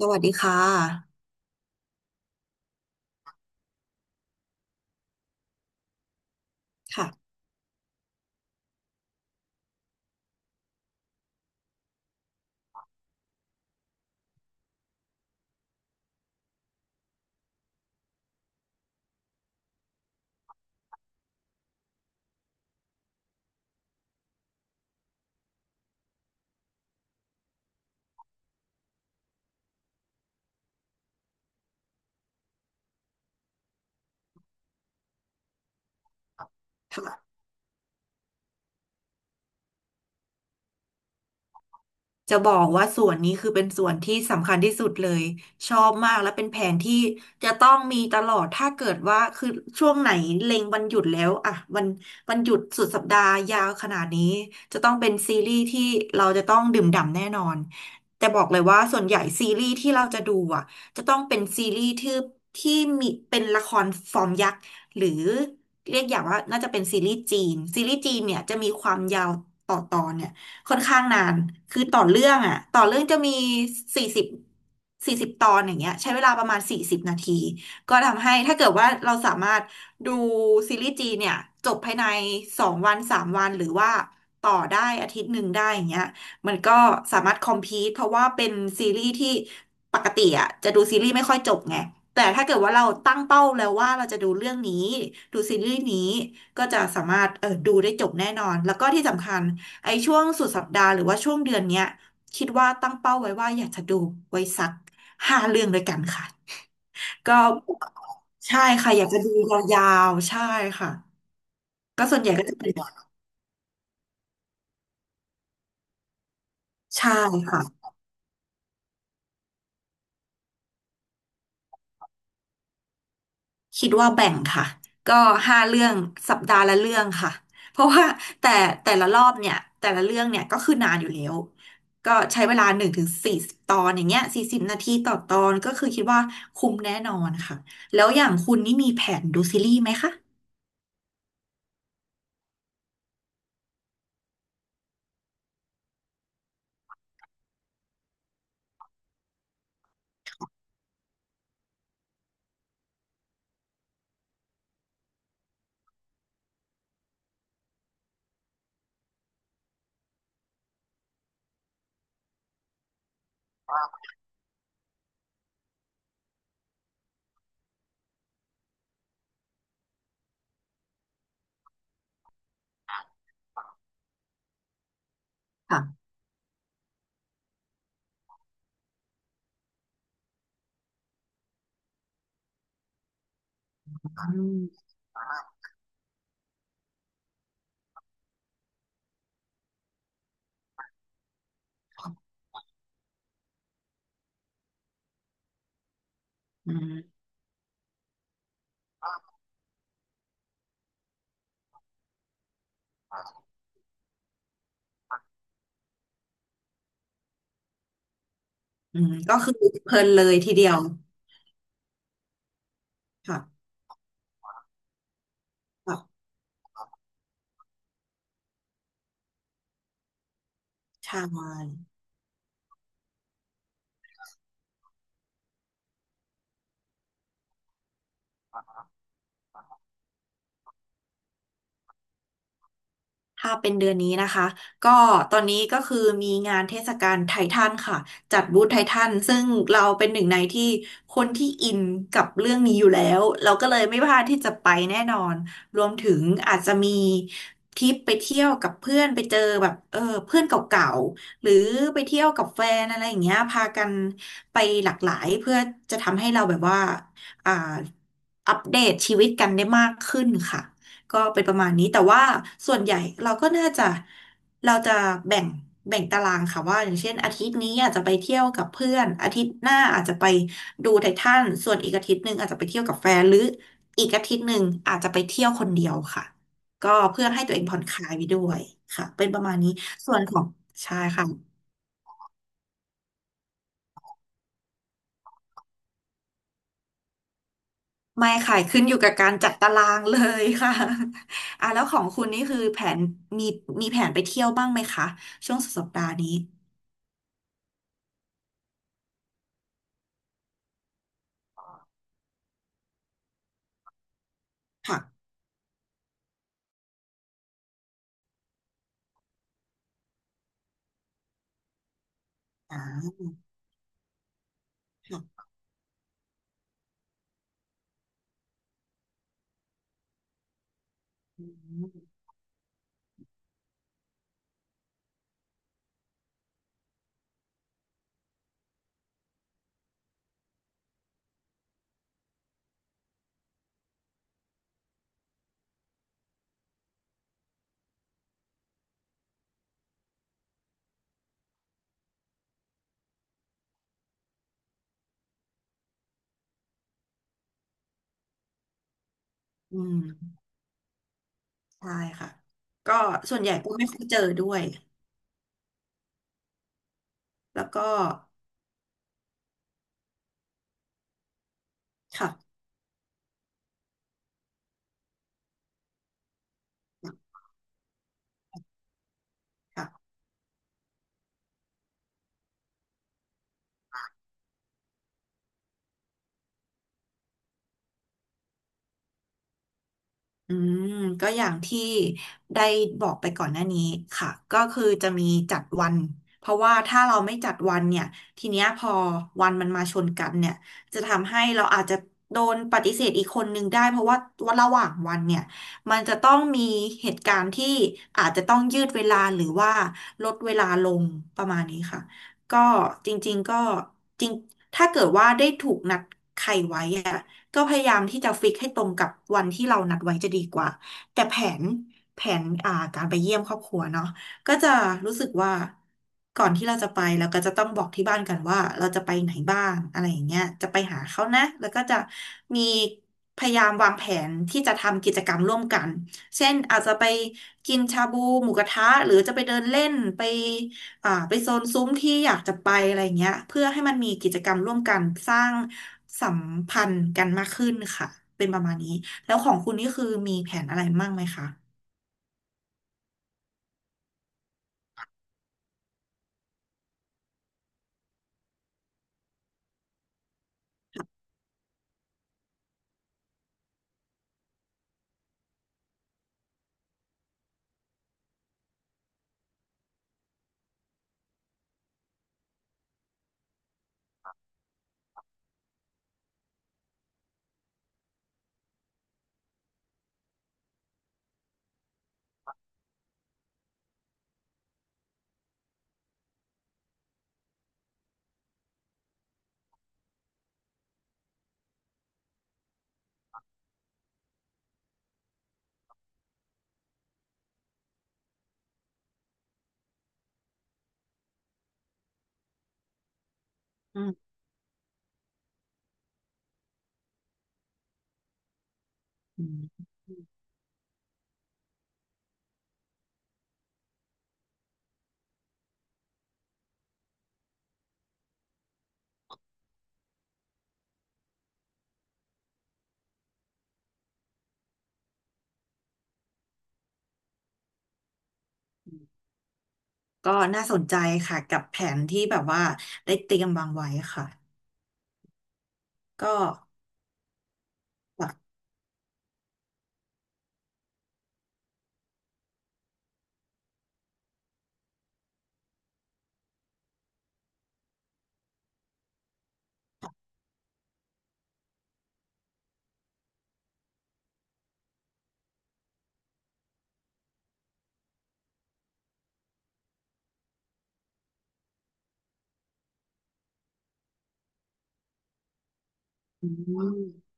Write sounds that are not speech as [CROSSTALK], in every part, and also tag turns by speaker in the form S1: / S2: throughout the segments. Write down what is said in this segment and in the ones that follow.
S1: สวัสดีค่ะค่ะค่ะ จะบอกว่าส่วนนี้คือเป็นส่วนที่สำคัญที่สุดเลยชอบมากและเป็นแผนที่จะต้องมีตลอดถ้าเกิดว่าคือช่วงไหนเล็งวันหยุดแล้วอะวันหยุดสุดสัปดาห์ยาวขนาดนี้จะต้องเป็นซีรีส์ที่เราจะต้องดื่มด่ำแน่นอนแต่บอกเลยว่าส่วนใหญ่ซีรีส์ที่เราจะดูอะจะต้องเป็นซีรีส์ที่มีเป็นละครฟอร์มยักษ์หรือเรียกอย่างว่าน่าจะเป็นซีรีส์จีนซีรีส์จีนเนี่ยจะมีความยาวต่อตอนเนี่ย ค่อนข้างนาน คือต่อเรื่องอ่ะต่อเรื่องจะมีสี่สิบสี่สิบตอนอย่างเงี้ยใช้เวลาประมาณสี่สิบนาทีก็ทำให้ถ้าเกิดว่าเราสามารถดูซีรีส์จีนเนี่ยจบภายใน2 วัน3 วันหรือว่าต่อได้อาทิตย์หนึ่งได้อย่างเงี้ยมันก็สามารถคอมพีทเพราะว่าเป็นซีรีส์ที่ปกติอ่ะจะดูซีรีส์ไม่ค่อยจบไงแต่ถ้าเกิดว่าเราตั้งเป้าแล้วว่าเราจะดูเรื่องนี้ดูซีรีส์นี้ก็จะสามารถดูได้จบแน่นอนแล้วก็ที่สำคัญ ไอ้ช่วงสุดสัปดาห์หรือว่าช่วงเดือนเนี้ยคิดว่าตั้งเป้าไว้ว่าอยากจะดูไว้สักห้าเรื่องด้วยกันค่ะก็ใช่ค่ะอยากจะดูยาวๆใช่ค่ะก็ส่วนใหญ่ก็จะเป็นใช่ค่ะคิดว่าแบ่งค่ะก็ห้าเรื่องสัปดาห์ละเรื่องค่ะเพราะว่าแต่แต่ละรอบเนี่ยแต่ละเรื่องเนี่ยก็คือนานอยู่แล้วก็ใช้เวลา1 ถึง 40 ตอนอย่างเงี้ยสี่สิบนาทีต่อตอนก็คือคิดว่าคุ้มแน่นอนค่ะแล้วอย่างคุณนี่มีแผนดูซีรีส์ไหมคะ ค่ะอืมอืมอืมก็คือเพลินเลยทีเดียวค่ะค่ะใช่ ถ้าเป็นเดือนนี้นะคะก็ตอนนี้ก็คือมีงานเทศกาลไททันค่ะจัดบูธไททันซึ่งเราเป็นหนึ่งในที่คนที่อินกับเรื่องนี้อยู่แล้วเราก็เลยไม่พลาดที่จะไปแน่นอนรวมถึงอาจจะมีทริปไปเที่ยวกับเพื่อนไปเจอแบบเพื่อนเก่าๆหรือไปเที่ยวกับแฟนอะไรอย่างเงี้ยพากันไปหลากหลายเพื่อจะทำให้เราแบบว่าอ่าอัปเดตชีวิตกันได้มากขึ้นค่ะ ก็เป็นประมาณนี้แต่ว่าส่วนใหญ่เราก็น่าจะเราจะแบ่งแบ่งตารางค่ะว่าอย่างเช่นอาทิตย์นี้อาจจะไปเที่ยวกับเพื่อนอาทิตย์หน้าอาจจะไปดูไททันส่วนอีกอาทิตย์หนึ่งอาจจะไปเที่ยวกับแฟนหรืออีกอาทิตย์หนึ่งอาจจะไปเที่ยวคนเดียวค่ะก็เพื่อให้ตัวเองผ่อนคลายไปด้วยค่ะเป็นประมาณนี้ส่วนของใช่ค่ะไม่ค่ะขึ้นอยู่กับการจัดตารางเลยค่ะ [LAUGHS] อ่ะแล้วของคุณนี่คือแผนมีมีแผนไปเที่ยวบ้างไหมคะช่วงสุดสัปดาห์นี้ค่ะ อ่าค่ะอืมใช่ค่ะก็ส่วนใหญ่ก็ไม่ค่อยเจอด้วย แล้วก็ค่ะค่ะ อืมก็อย่างที่ได้บอกไปก่อนหน้านี้ค่ะก็คือจะมีจัดวันเพราะว่าถ้าเราไม่จัดวันเนี่ยทีเนี้ยพอวันมันมาชนกันเนี่ยจะทำให้เราอาจจะโดนปฏิเสธอีกคนนึงได้เพราะว่าวันระหว่างวันเนี่ยมันจะต้องมีเหตุการณ์ที่อาจจะต้องยืดเวลาหรือว่าลดเวลาลงประมาณนี้ค่ะก็จริงๆก็จริงถ้าเกิดว่าได้ถูกนัดใครไว้อะ ก็พยายามที่จะฟิกให้ตรงกับวันที่เรานัดไว้จะดีกว่าแต่นแผนการไปเยี่ยมครอบครัวเนาะก็จะรู้สึกว่าก่อนที่เราจะไปเราก็จะต้องบอกที่บ้านกันว่าเราจะไปไหนบ้างอะไรอย่างเงี้ยจะไปหาเขานะแล้วก็จะมีพยายามวางแผนที่จะทำกิจกรรมร่วมกันเช่นอาจจะไปกินชาบูหมูกระทะหรือจะไปเดินเล่นไป ไปโซนซุ้มที่อยากจะไปอะไรเงี้ยเพื่อให้มันมีกิจกรรมร่วมกันสร้างสัมพันธ์กันมากขึ้นค่ะเป็นประมาณนี้แล้วของคุณนี่คือมีแผนอะไรมั่งไหมคะก็น่าสนใจค่ะกับแผนที่แบบว่าได้เตรียมวางไว้ค่ะก็แบบอืม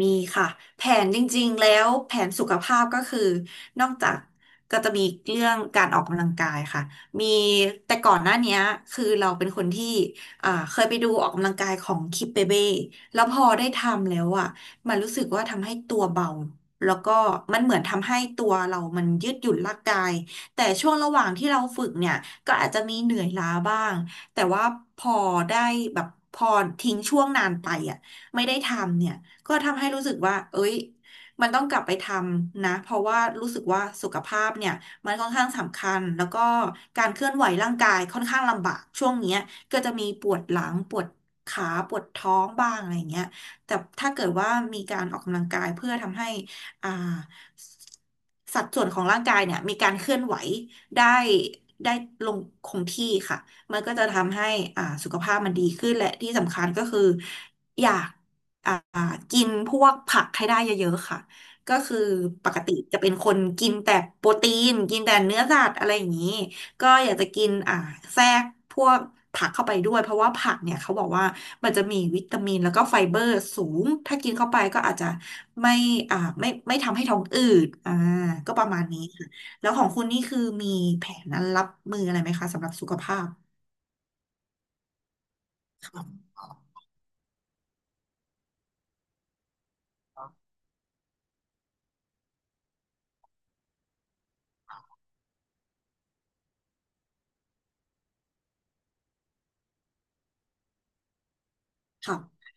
S1: มีค่ะแผนจริงๆแล้วแผนสุขภาพก็คือนอกจากก็จะมีเรื่องการออกกำลังกายค่ะมีแต่ก่อนหน้าเนี้ยคือเราเป็นคนที่เคยไปดูออกกำลังกายของคิปเปเบ้แล้วพอได้ทำแล้วอ่ะมันรู้สึกว่าทำให้ตัวเบาแล้วก็มันเหมือนทำให้ตัวเรามันยืดหยุ่นร่างกายแต่ช่วงระหว่างที่เราฝึกเนี่ยก็อาจจะมีเหนื่อยล้าบ้างแต่ว่าพอได้แบบพอทิ้งช่วงนานไปอ่ะไม่ได้ทำเนี่ย ก็ทำให้รู้สึกว่า เอ้ยมันต้องกลับไปทำนะ เพราะว่ารู้สึกว่าสุขภาพเนี่ย มันค่อนข้างสำคัญ แล้วก็การเคลื่อนไหวร่างกายค่อนข้างลำบากช่วงเนี้ยก็จะมีปวดหลังปวดขาปวดท้องบ้างอะไรอย่างเงี้ย แต่ถ้าเกิดว่ามีการออกกำลังกายเพื่อทำให้อ่าสัดส่วนของร่างกายเนี่ยมีการเคลื่อนไหวได้ได้ลงคงที่ค่ะมันก็จะทำให้สุขภาพมันดีขึ้นและที่สำคัญก็คืออยาก อ่ากินพวกผักให้ได้เยอะๆค่ะก็คือปกติจะเป็นคนกินแต่โปรตีนกินแต่เนื้อสัตว์อะไรอย่างนี้ก็อยากจะกินแทรกพวกผักเข้าไปด้วยเพราะว่าผักเนี่ยเขาบอกว่ามันจะมีวิตามินแล้วก็ไฟเบอร์สูงถ้ากินเข้าไปก็อาจจะไม่ไม่ทำให้ท้องอืดก็ประมาณนี้ค่ะแล้วของคุณนี่คือมีแผนนั้นรับมืออะไรไหมคะสำหรับสุขภาพค่ะค่ะ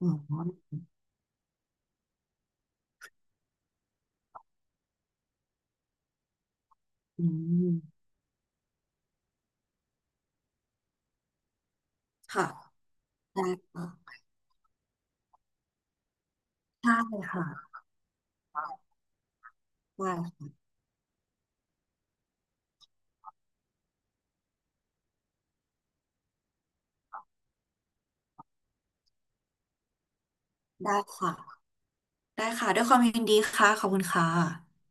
S1: อืมอืมค่ะได้ค่ะใช่ค่ะ ได้ได้ค่ะ ได้ค่ะ ด้วยความยินดีค่ะ ขอบคุณค่ะ